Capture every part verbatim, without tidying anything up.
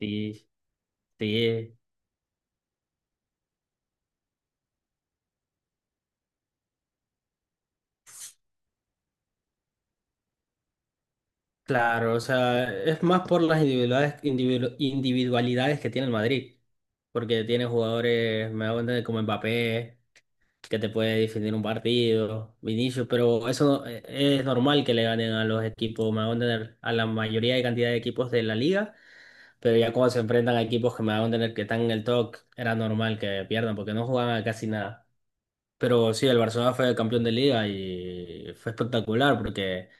Sí, sí, claro, o sea, es más por las individualidades, individu- individualidades que tiene el Madrid, porque tiene jugadores, me hago entender, como Mbappé, que te puede definir un partido, Vinicius, pero eso no- eh, es normal que le ganen a los equipos, me hago entender, a la mayoría de cantidad de equipos de la liga, pero ya cuando se enfrentan a equipos que me hago entender que están en el top, era normal que pierdan, porque no jugaban a casi nada. Pero sí, el Barcelona fue campeón de liga y fue espectacular porque...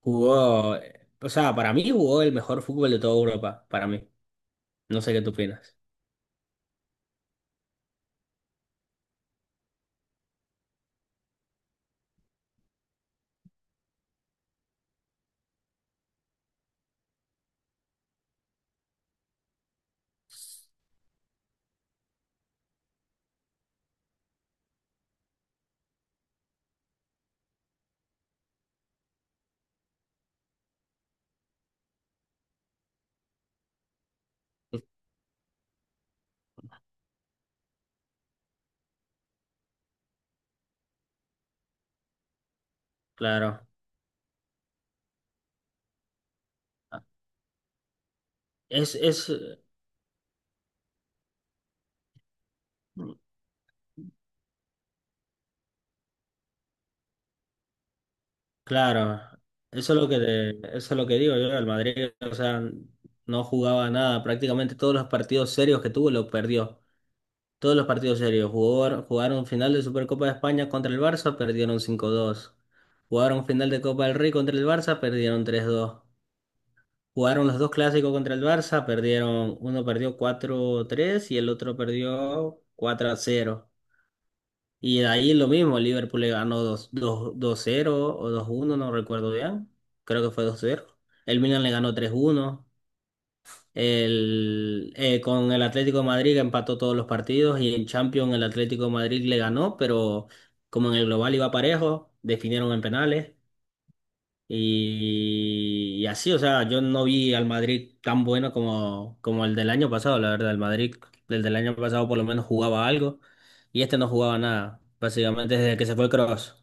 jugó, eh, o sea, para mí jugó el mejor fútbol de toda Europa, para mí. No sé qué tú opinas. Claro. Es, es, claro. Eso es lo que te- eso es lo que digo yo, el Madrid, o sea, no jugaba nada. Prácticamente todos los partidos serios que tuvo lo perdió. Todos los partidos serios. Jugó, jugaron final de Supercopa de España contra el Barça, perdieron cinco dos. Jugaron final de Copa del Rey contra el Barça, perdieron tres dos. Jugaron los dos clásicos contra el Barça, perdieron, uno perdió cuatro a tres y el otro perdió cuatro a cero. Y de ahí lo mismo, Liverpool le ganó dos dos cero o dos uno, no recuerdo bien. Creo que fue dos cero. El Milan le ganó tres uno. El, eh, con el Atlético de Madrid empató todos los partidos y en Champions el Atlético de Madrid le ganó, pero como en el global iba parejo, definieron en penales. Y, y así, o sea, yo no vi al Madrid tan bueno como, como el del año pasado, la verdad. El Madrid, el del año pasado por lo menos jugaba algo y este no jugaba nada, básicamente desde que se fue Cross.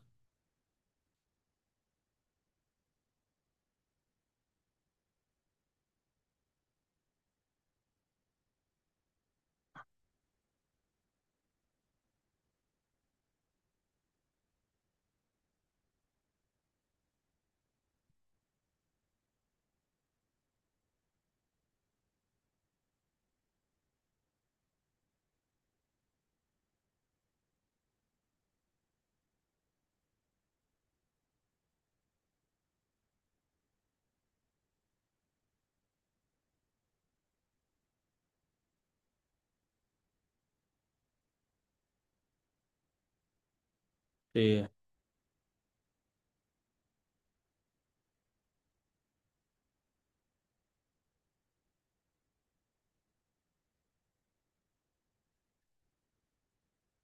Sí.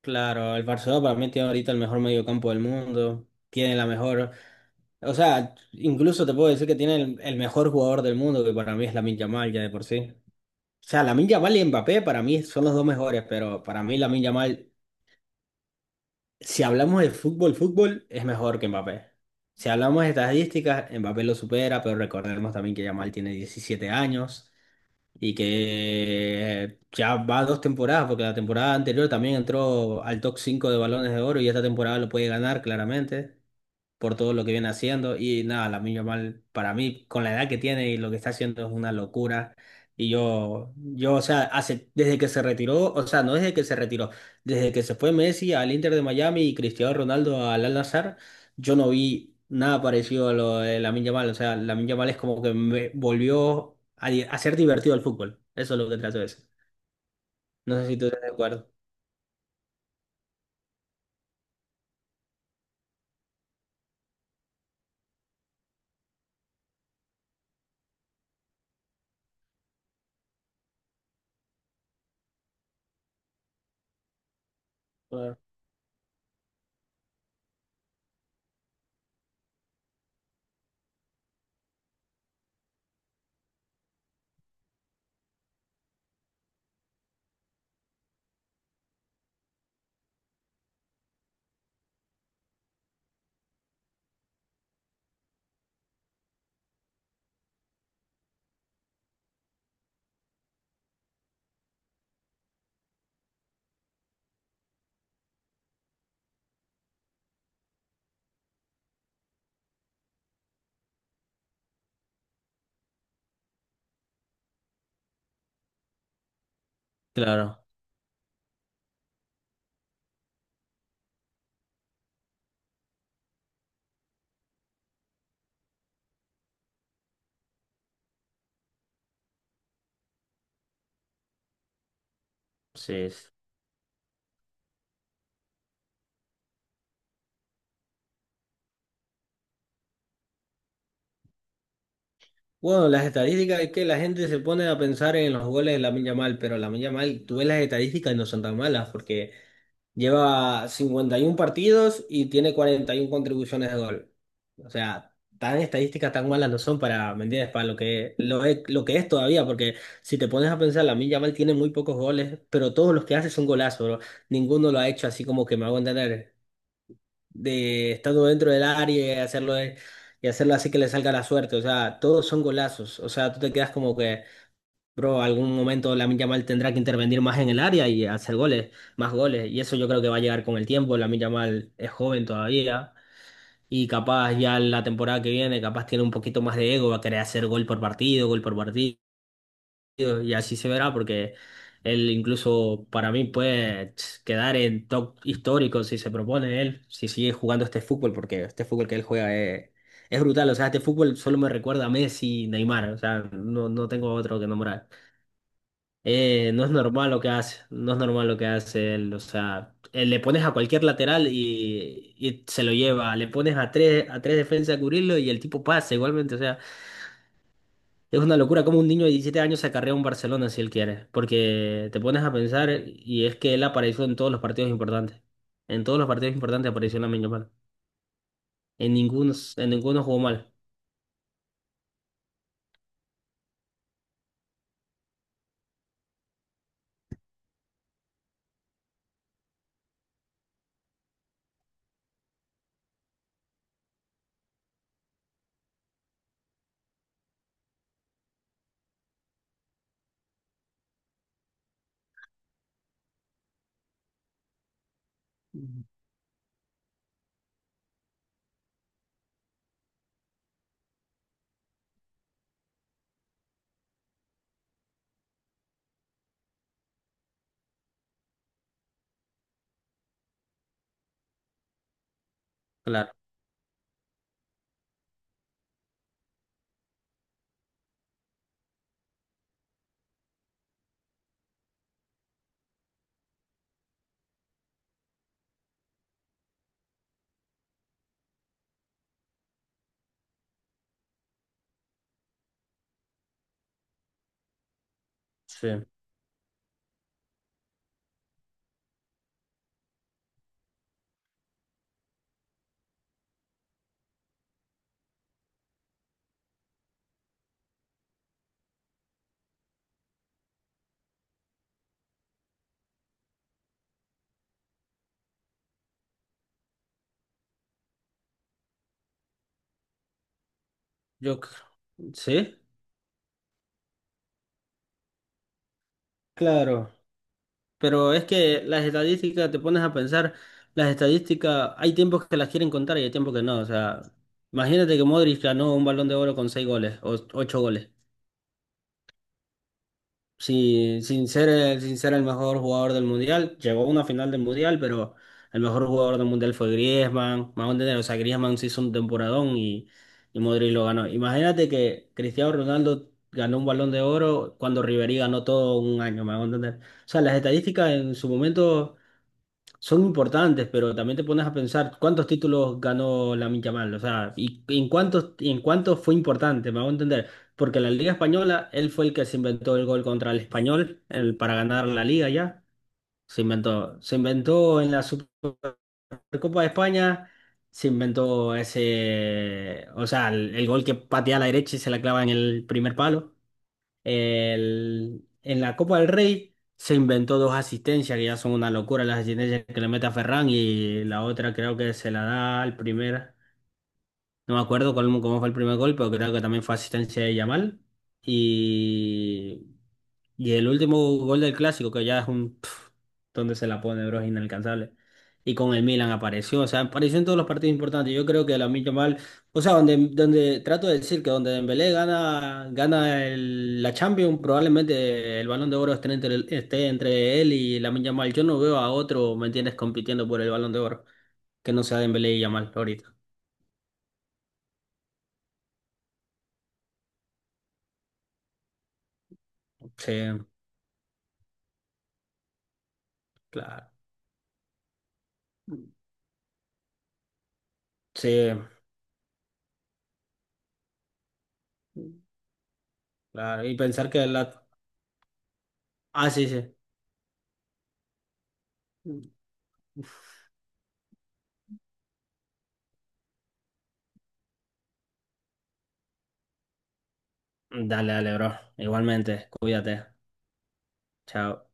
Claro, el Barcelona para mí tiene ahorita el mejor mediocampo del mundo, tiene la mejor, o sea, incluso te puedo decir que tiene el, el mejor jugador del mundo, que para mí es Lamine Yamal ya de por sí. O sea, Lamine Yamal y Mbappé para mí son los dos mejores, pero para mí Lamine Yamal, si hablamos de fútbol, fútbol, es mejor que Mbappé. Si hablamos de estadísticas, Mbappé lo supera, pero recordemos también que Yamal tiene diecisiete años y que ya va dos temporadas, porque la temporada anterior también entró al top cinco de balones de oro y esta temporada lo puede ganar claramente por todo lo que viene haciendo. Y nada, la Lamine mal para mí, con la edad que tiene y lo que está haciendo, es una locura. Y yo, yo, o sea, hace, desde que se retiró, o sea, no desde que se retiró, desde que se fue Messi al Inter de Miami y Cristiano Ronaldo al Al-Nassr, yo no vi nada parecido a lo de Lamine mal. O sea, Lamine mal es como que me volvió a, di- a ser divertido el fútbol. Eso es lo que trato de decir. No sé si tú estás de acuerdo. Claro. Claro, sí. Bueno, las estadísticas, es que la gente se pone a pensar en los goles de Lamine Yamal, pero Lamine Yamal, tú ves las estadísticas y no son tan malas, porque lleva cincuenta y un partidos y tiene cuarenta y una contribuciones de gol. O sea, tan estadísticas tan malas no son para, ¿me entiendes? Para lo que, lo es, lo que es todavía, porque si te pones a pensar, Lamine Yamal tiene muy pocos goles, pero todos los que hace son golazos, bro. Ninguno lo ha hecho así como que, me hago entender, de estando dentro del área y hacerlo, de- y hacerlo así que le salga la suerte. O sea, todos son golazos. O sea, tú te quedas como que, bro, algún momento Lamine Yamal tendrá que intervenir más en el área y hacer goles, más goles. Y eso yo creo que va a llegar con el tiempo. Lamine Yamal es joven todavía. Y capaz ya la temporada que viene, capaz tiene un poquito más de ego, va a querer hacer gol por partido, gol por partido, y así se verá, porque él incluso para mí puede ch, quedar en top histórico si se propone él, si sigue jugando este fútbol, porque este fútbol que él juega es, es brutal, o sea, este fútbol solo me recuerda a Messi y Neymar, o sea, no, no tengo otro que nombrar. Eh, no es normal lo que hace, no es normal lo que hace él, o sea, eh, le pones a cualquier lateral y, y se lo lleva, le pones a tres, a tres defensas a cubrirlo y el tipo pasa igualmente. O sea, es una locura como un niño de diecisiete años se acarrea un Barcelona si él quiere, porque te pones a pensar y es que él apareció en todos los partidos importantes. En todos los partidos importantes apareció Lamine Yamal. En ninguno, en ninguno jugó mal. Claro. Sí. Yo, cr- sí, claro. Pero es que las estadísticas, te pones a pensar, las estadísticas, hay tiempos que las quieren contar y hay tiempos que no. O sea, imagínate que Modric ganó un Balón de Oro con seis goles o ocho goles. Sí, sin ser, el- sin ser el mejor jugador del mundial, llegó a una final del mundial, pero el mejor jugador del mundial fue Griezmann. Más, o sea, Griezmann se hizo un temporadón y, y Modric lo ganó. Imagínate que Cristiano Ronaldo ganó un Balón de Oro cuando Ribery ganó todo un año, me hago entender. O sea, las estadísticas en su momento son importantes, pero también te pones a pensar cuántos títulos ganó Lamine Yamal, o sea, y y en cuántos, y en cuántos fue importante, me hago entender, porque en la Liga Española él fue el que se inventó el gol contra el Español el- para ganar la Liga ya, se inventó, se inventó en la Supercopa de España, se inventó ese, o sea, el, el gol que patea a la derecha y se la clava en el primer palo. El- en la Copa del Rey se inventó dos asistencias que ya son una locura, las asistencias que le mete a Ferran y la otra creo que se la da al primer, no me acuerdo cómo, cómo fue el primer gol, pero creo que también fue asistencia de Yamal. Y y el último gol del clásico, que ya es un... pf, ¿dónde se la pone, bro? Es inalcanzable. Y con el Milan apareció, o sea, apareció en todos los partidos importantes. Yo creo que la mal, o sea, donde, donde trato de decir que donde Dembélé gana, gana el- la Champions, probablemente el Balón de Oro esté entre, el- esté entre él y la mal. Yo no veo a otro, ¿me entiendes?, compitiendo por el Balón de Oro, que no sea Dembélé y Yamal ahorita. Sí, claro. Sí, claro. Y pensar que la... Ah, sí, sí. Dale, dale, bro. Igualmente, cuídate. Chao.